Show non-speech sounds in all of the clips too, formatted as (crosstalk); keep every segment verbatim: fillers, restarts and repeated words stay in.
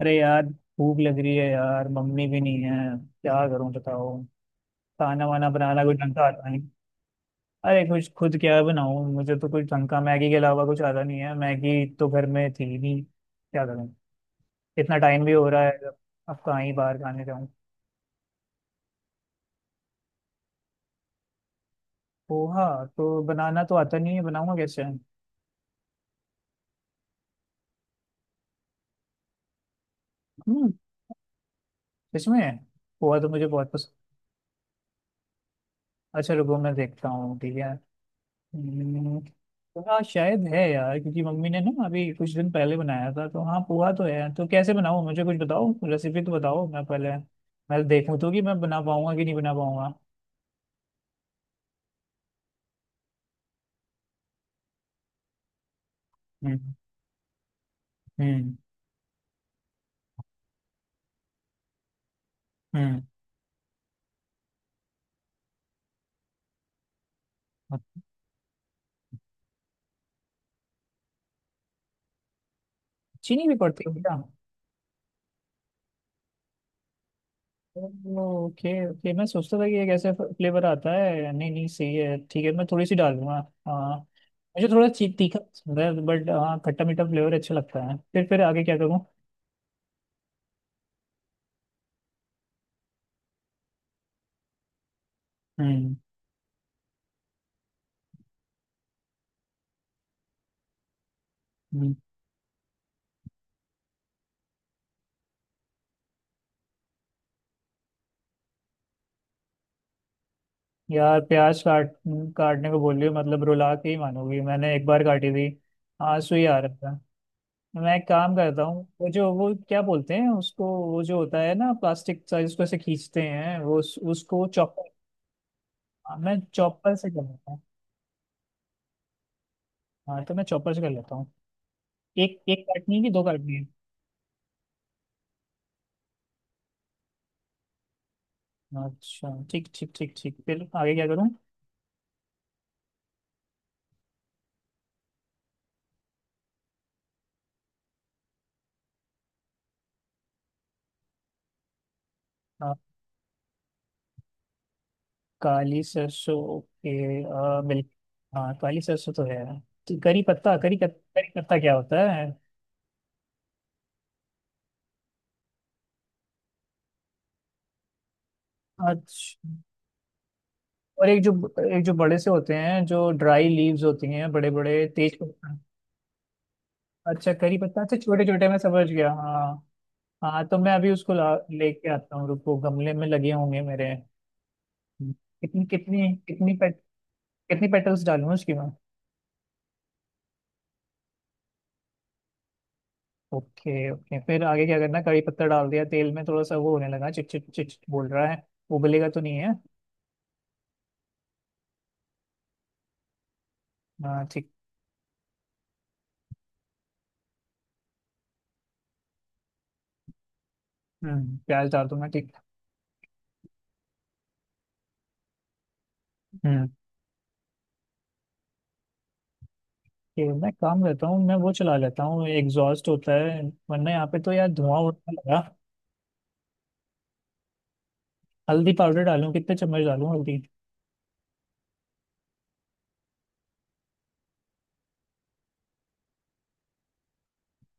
अरे यार। भूख लग रही है यार, मम्मी भी नहीं है। क्या करूं बताओ। खाना वाना बनाना कुछ ढंग का आता नहीं। अरे कुछ खुद क्या बनाऊं, मुझे तो कुछ ढंग का मैगी के अलावा कुछ आता नहीं है। मैगी तो घर में थी नहीं, क्या करूं। इतना टाइम भी हो रहा है अब। अब कहाँ ही बाहर खाने जाऊं। पोहा? तो बनाना तो आता नहीं है, बनाऊंगा कैसे। हम्म। इसमें। पोहा तो मुझे बहुत पसंद। अच्छा रुको मैं देखता हूँ, ठीक है। हम्म, हाँ शायद है यार, क्योंकि मम्मी ने ना अभी कुछ दिन पहले बनाया था, तो हाँ पोहा तो है। तो कैसे बनाऊँ, मुझे कुछ बताओ, रेसिपी तो बताओ मैं पहले मैं देखूँ तो कि मैं बना पाऊंगा कि नहीं बना पाऊंगा। हम्म। हम्म। हम्म। चीनी भी पड़ती है क्या? ओके ओके, मैं सोचता था कि ये कैसे फ्लेवर आता है। नहीं नहीं सही है, ठीक है मैं थोड़ी सी डालूंगा। हाँ। मुझे थोड़ा ची- तीखा पसंद है, बट हाँ खट्टा मीठा फ्लेवर अच्छा लगता है। फिर फिर आगे क्या करूँ। हम्म। यार प्याज काट काटने को बोल रही हो, मतलब रुला के ही मानोगी। मैंने एक बार काटी थी, आंसू ही आ रहा था। मैं एक काम करता हूँ, वो जो वो क्या बोलते हैं उसको, वो जो होता है ना प्लास्टिक सा जिसको ऐसे खींचते हैं, वो उस, उसको चॉपर। हाँ, मैं चॉपर से कर लेता हूँ। हाँ तो मैं चॉपर से कर लेता हूँ। एक एक काटनी है कि दो काटनी है? अच्छा ठीक, ठीक, ठीक, ठीक, फिर आगे क्या करूँ। आ, काली सरसों ओके। आ, मिल्क। हाँ काली सरसों तो है। तो करी पत्ता, करी करी पत्ता क्या होता है? अच्छा। और एक जो, एक जो बड़े से होते हैं जो ड्राई लीव्स होती हैं, बड़े बड़े तेज पत्ता। अच्छा करी पत्ता, अच्छा छोटे छोटे, मैं समझ गया हाँ। हाँ तो मैं अभी उसको ला लेके आता हूँ, रुको, गमले में लगे होंगे मेरे। कितनी कितनी कितनी पेट, कितनी पेटल्स डालूँ उसकी मैं? ओके ओके, फिर आगे क्या करना। करी पत्ता डाल दिया तेल में, थोड़ा सा वो होने लगा, चिट चिट चिट चिट बोल रहा है। उबलेगा तो नहीं है? हाँ ठीक। हम्म, प्याज डाल दूंगा, ठीक। हम्म। कि मैं काम करता हूँ, मैं वो चला लेता हूँ एग्जॉस्ट होता है, वरना यहाँ पे तो यार धुआं उड़ने लगा। हल्दी पाउडर डालूं, कितने चम्मच डालूं हल्दी?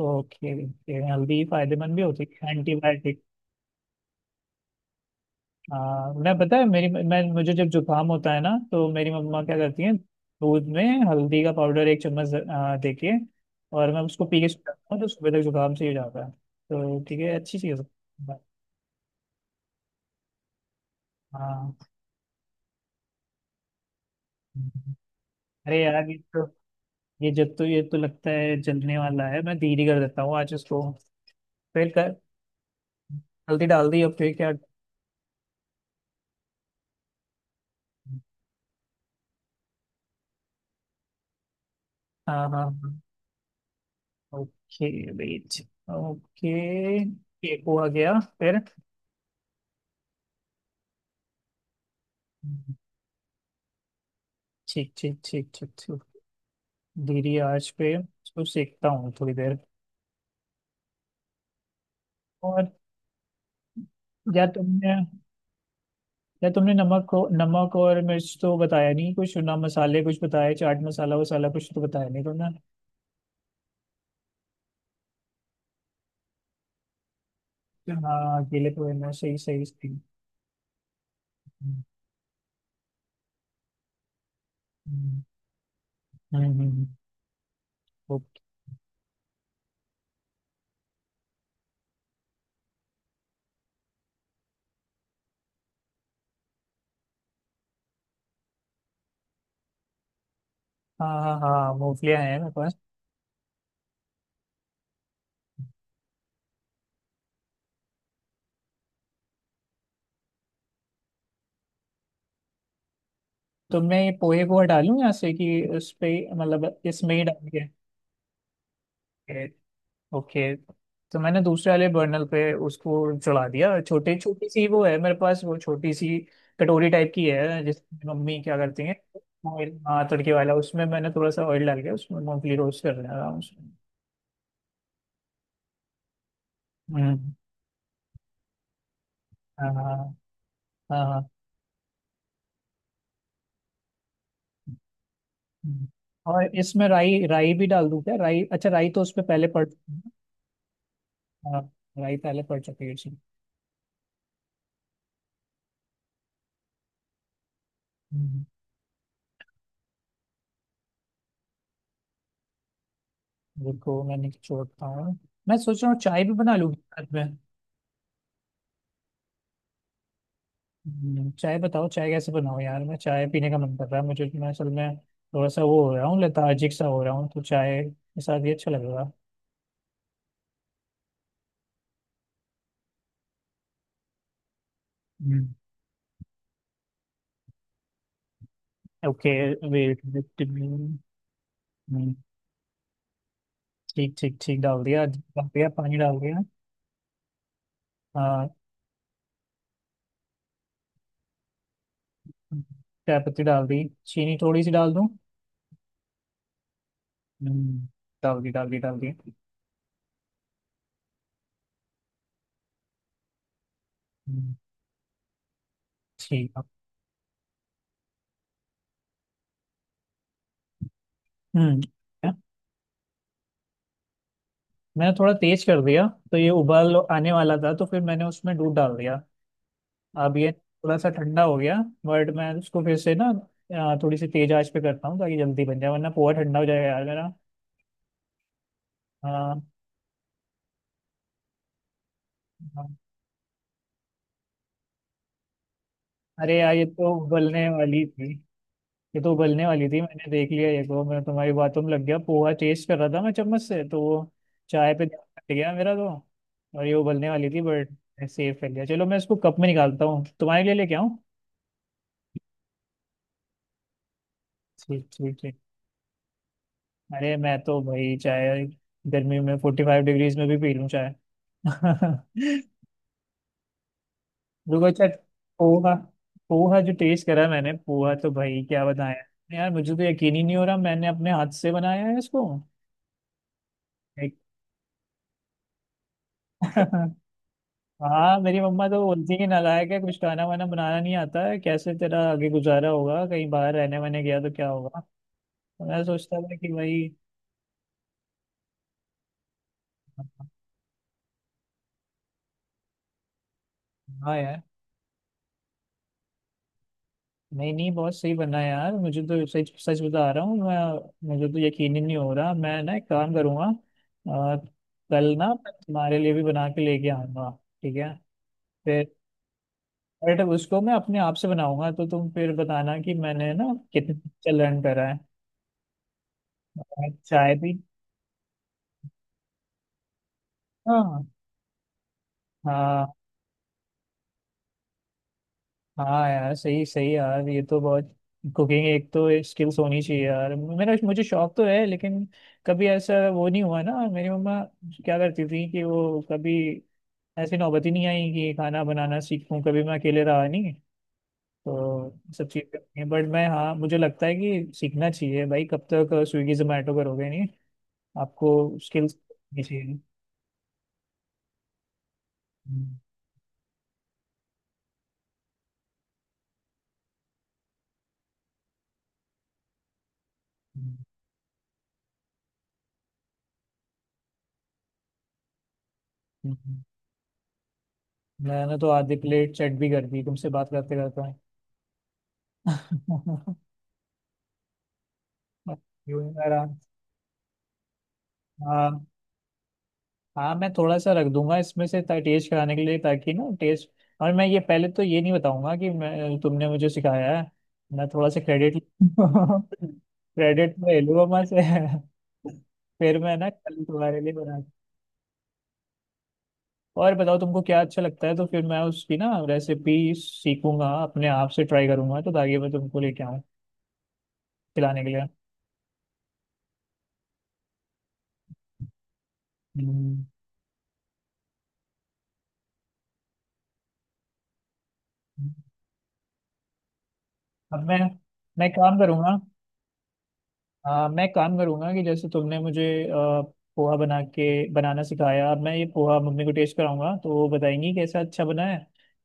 ओके ओके, हल्दी फायदेमंद भी होती है, एंटीबायोटिक। हाँ मैं पता है, मेरी मैं मुझे जब जुकाम होता है ना, तो मेरी मम्मा क्या करती है, दूध में हल्दी का पाउडर एक चम्मच आ, देके, और मैं उसको पी के सो जाता हूँ, तो सुबह तक जुकाम सही हो जाता है। तो ठीक है, अच्छी चीज़ है। हाँ। अरे यार ये तो, ये जब तो ये तो लगता है जलने वाला है, मैं धीरे कर देता हूँ आज इसको। फिर कर हल्दी डाल दी और फिर क्या। हाँ हाँ हाँ। Okay wait. ओके ये हो आ गया फिर। ठीक, ठीक, ठीक, ठीक, ठीक, धीरे आंच पे इसको सेकता हूँ थोड़ी देर। और या तुमने या तुमने नमक को, नमक और मिर्च तो बताया नहीं, कुछ ना मसाले कुछ बताया, चाट मसाला वसाला कुछ तो बताया नहीं तुमने। हाँ अकेले तो है ना, सही सही सही। हम्म। हम्म। हम्म। ओके। हाँ हाँ हाँ, मूंगफलियाँ हैं मेरे पास। तो मैं ये पोहे को हटा लूँ यहाँ से कि उस पे, मतलब इसमें ही डाल के? ओके। तो मैंने दूसरे वाले बर्नल पे उसको चढ़ा दिया। छोटे छोटी सी वो है मेरे पास, वो छोटी सी कटोरी टाइप की है जिसमें मम्मी क्या करती हैं ऑयल। हाँ तड़के वाला, उसमें मैंने थोड़ा सा ऑयल डाल के उसमें मूंगफली रोस्ट कर रहा हूँ उसमें। हम्म। हाँ हाँ हाँ। हाँ। हम्म। और इसमें राई राई भी डाल दूँ क्या? राई? अच्छा राई तो उसमें पहले पड़ चुकी है। हाँ राई पहले पड़ चुकी है उसमें। हम्म। रुको मैंने छोड़ता हूँ, मैं सोच रहा हूँ चाय भी बना लूँ रात में। हम्म, चाय बताओ, चाय कैसे बनाओ यार, मैं चाय पीने का मन कर रहा है मुझे। मैं असल में थोड़ा सा वो हो रहा हूँ, लेथार्जिक सा हो रहा हूँ, तो चाय के साथ ये अच्छा लग रहा। हम्म। Okay wait wait. हम्म। ठीक ठीक ठीक, डाल दिया डाल दिया पानी डाल दिया। हाँ। चाय पत्ती डाल दी, चीनी थोड़ी सी डाल दूँ? हम्म। डाल दी डाल दी डाल दी। हम्म। ठीक है। हम्म। मैंने थोड़ा तेज कर दिया, तो ये उबाल आने वाला था तो फिर मैंने उसमें दूध डाल दिया। अब ये थोड़ा सा ठंडा हो गया। बट मैं उसको फिर से ना अ, थोड़ी सी तेज आंच पे करता हूँ, ताकि जल्दी बन जाए, वरना पोहा ठंडा हो जाएगा यार मेरा। हाँ। हाँ। अरे यार ये तो उबलने वाली थी, ये तो उबलने वाली थी, मैंने देख लिया, ये को मैं तुम्हारी बातों में लग गया, पोहा टेस्ट कर रहा था मैं चम्मच से, तो वो चाय पे ध्यान हट गया मेरा तो। और ये उबलने वाली थी बट सेफ कर लिया। चलो मैं इसको कप में निकालता हूँ, तुम्हारे लिए लेके आऊँ। ठीक ठीक ठीक। अरे मैं तो भाई चाय गर्मी में फोर्टी फाइव डिग्रीज में भी पी लूँ चाय। (laughs) रुको अच्छा। पोहा, पोहा जो टेस्ट करा मैंने, पोहा तो भाई क्या बताया यार, मुझे तो यकीन ही नहीं हो रहा मैंने अपने हाथ से बनाया है इसको। एक- (laughs) हाँ मेरी मम्मा तो बोलती है कि नालायक है, कुछ खाना वाना बनाना नहीं आता है, कैसे तेरा आगे गुजारा होगा, कहीं बाहर रहने वहने गया तो क्या होगा। तो मैं सोचता था कि भाई। हाँ यार। नहीं नहीं बहुत सही बना है यार, मुझे तो सच सच बता रहा हूँ मैं, मुझे तो यकीन ही नहीं हो रहा, मैं ना एक काम करूँगा अ, कल ना मैं तुम्हारे लिए भी बना के लेके आऊँगा। ठीक है। फिर बट उसको मैं अपने आप से बनाऊंगा, तो तुम फिर बताना कि मैंने ना कितना अच्छा लर्न करा है। और चाय भी। हाँ। हाँ। हाँ यार सही सही यार, ये तो बहुत कुकिंग एक तो स्किल्स होनी चाहिए यार मेरा, मुझे शौक तो है लेकिन कभी ऐसा वो नहीं हुआ ना। मेरी मम्मा क्या करती थी कि वो कभी ऐसी नौबत ही नहीं आई कि खाना बनाना सीखूं, कभी मैं अकेले रहा नहीं, तो सब चीज़ें बट मैं हाँ मुझे लगता है कि सीखना चाहिए भाई, कब तक स्विगी जोमेटो करोगे, नहीं आपको स्किल्स चाहिए। हम्म। हम्म। हम्म। हम्म। मैंने तो आधी प्लेट चट भी कर दी तुमसे बात करते करते। (laughs) यूं ही मेरा। हाँ। हाँ मैं थोड़ा सा रख दूंगा इसमें से ता- टेस्ट कराने के लिए, ताकि ना टेस्ट। और मैं ये पहले तो ये नहीं बताऊंगा कि मैं तुमने मुझे सिखाया है, मैं थोड़ा सा क्रेडिट, क्रेडिट (laughs) में ले लूंगा मैं से। फिर मैं ना कल तुम्हारे लिए बना। और बताओ तुमको क्या अच्छा लगता है, तो फिर मैं उसकी ना रेसिपी सीखूंगा, अपने आप से ट्राई करूंगा, तो ताकि मैं तुमको लेके आऊँ खिलाने के लिए। हम्म। अब मैं मैं काम करूंगा। हाँ मैं काम करूंगा कि जैसे तुमने मुझे अ, पोहा बना के बनाना सिखाया, अब मैं ये पोहा मम्मी को टेस्ट कराऊंगा तो वो बताएंगी कैसा अच्छा बना है।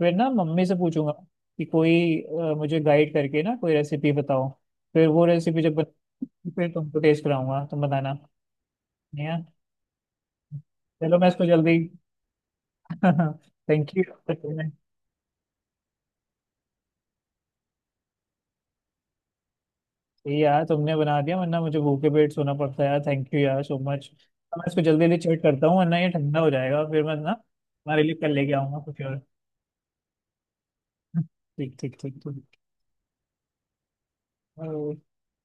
फिर ना मम्मी से पूछूंगा कि कोई अ, मुझे गाइड करके ना कोई रेसिपी बताओ। फिर वो रेसिपी जब बन- फिर तुमको टेस्ट कराऊंगा, तुम बताना। या चलो मैं इसको जल्दी। (laughs) Thank you. ये यार तुमने बना दिया, वरना मुझे भूखे पेट सोना पड़ता है यार, थैंक यू यार सो मच। मैं इसको जल्दी जल्दी चेक करता हूँ वरना ये ठंडा हो जाएगा, फिर मैं ना तुम्हारे लिए कल लेके आऊंगा कुछ और। ठीक ठीक ठीक ठीक। और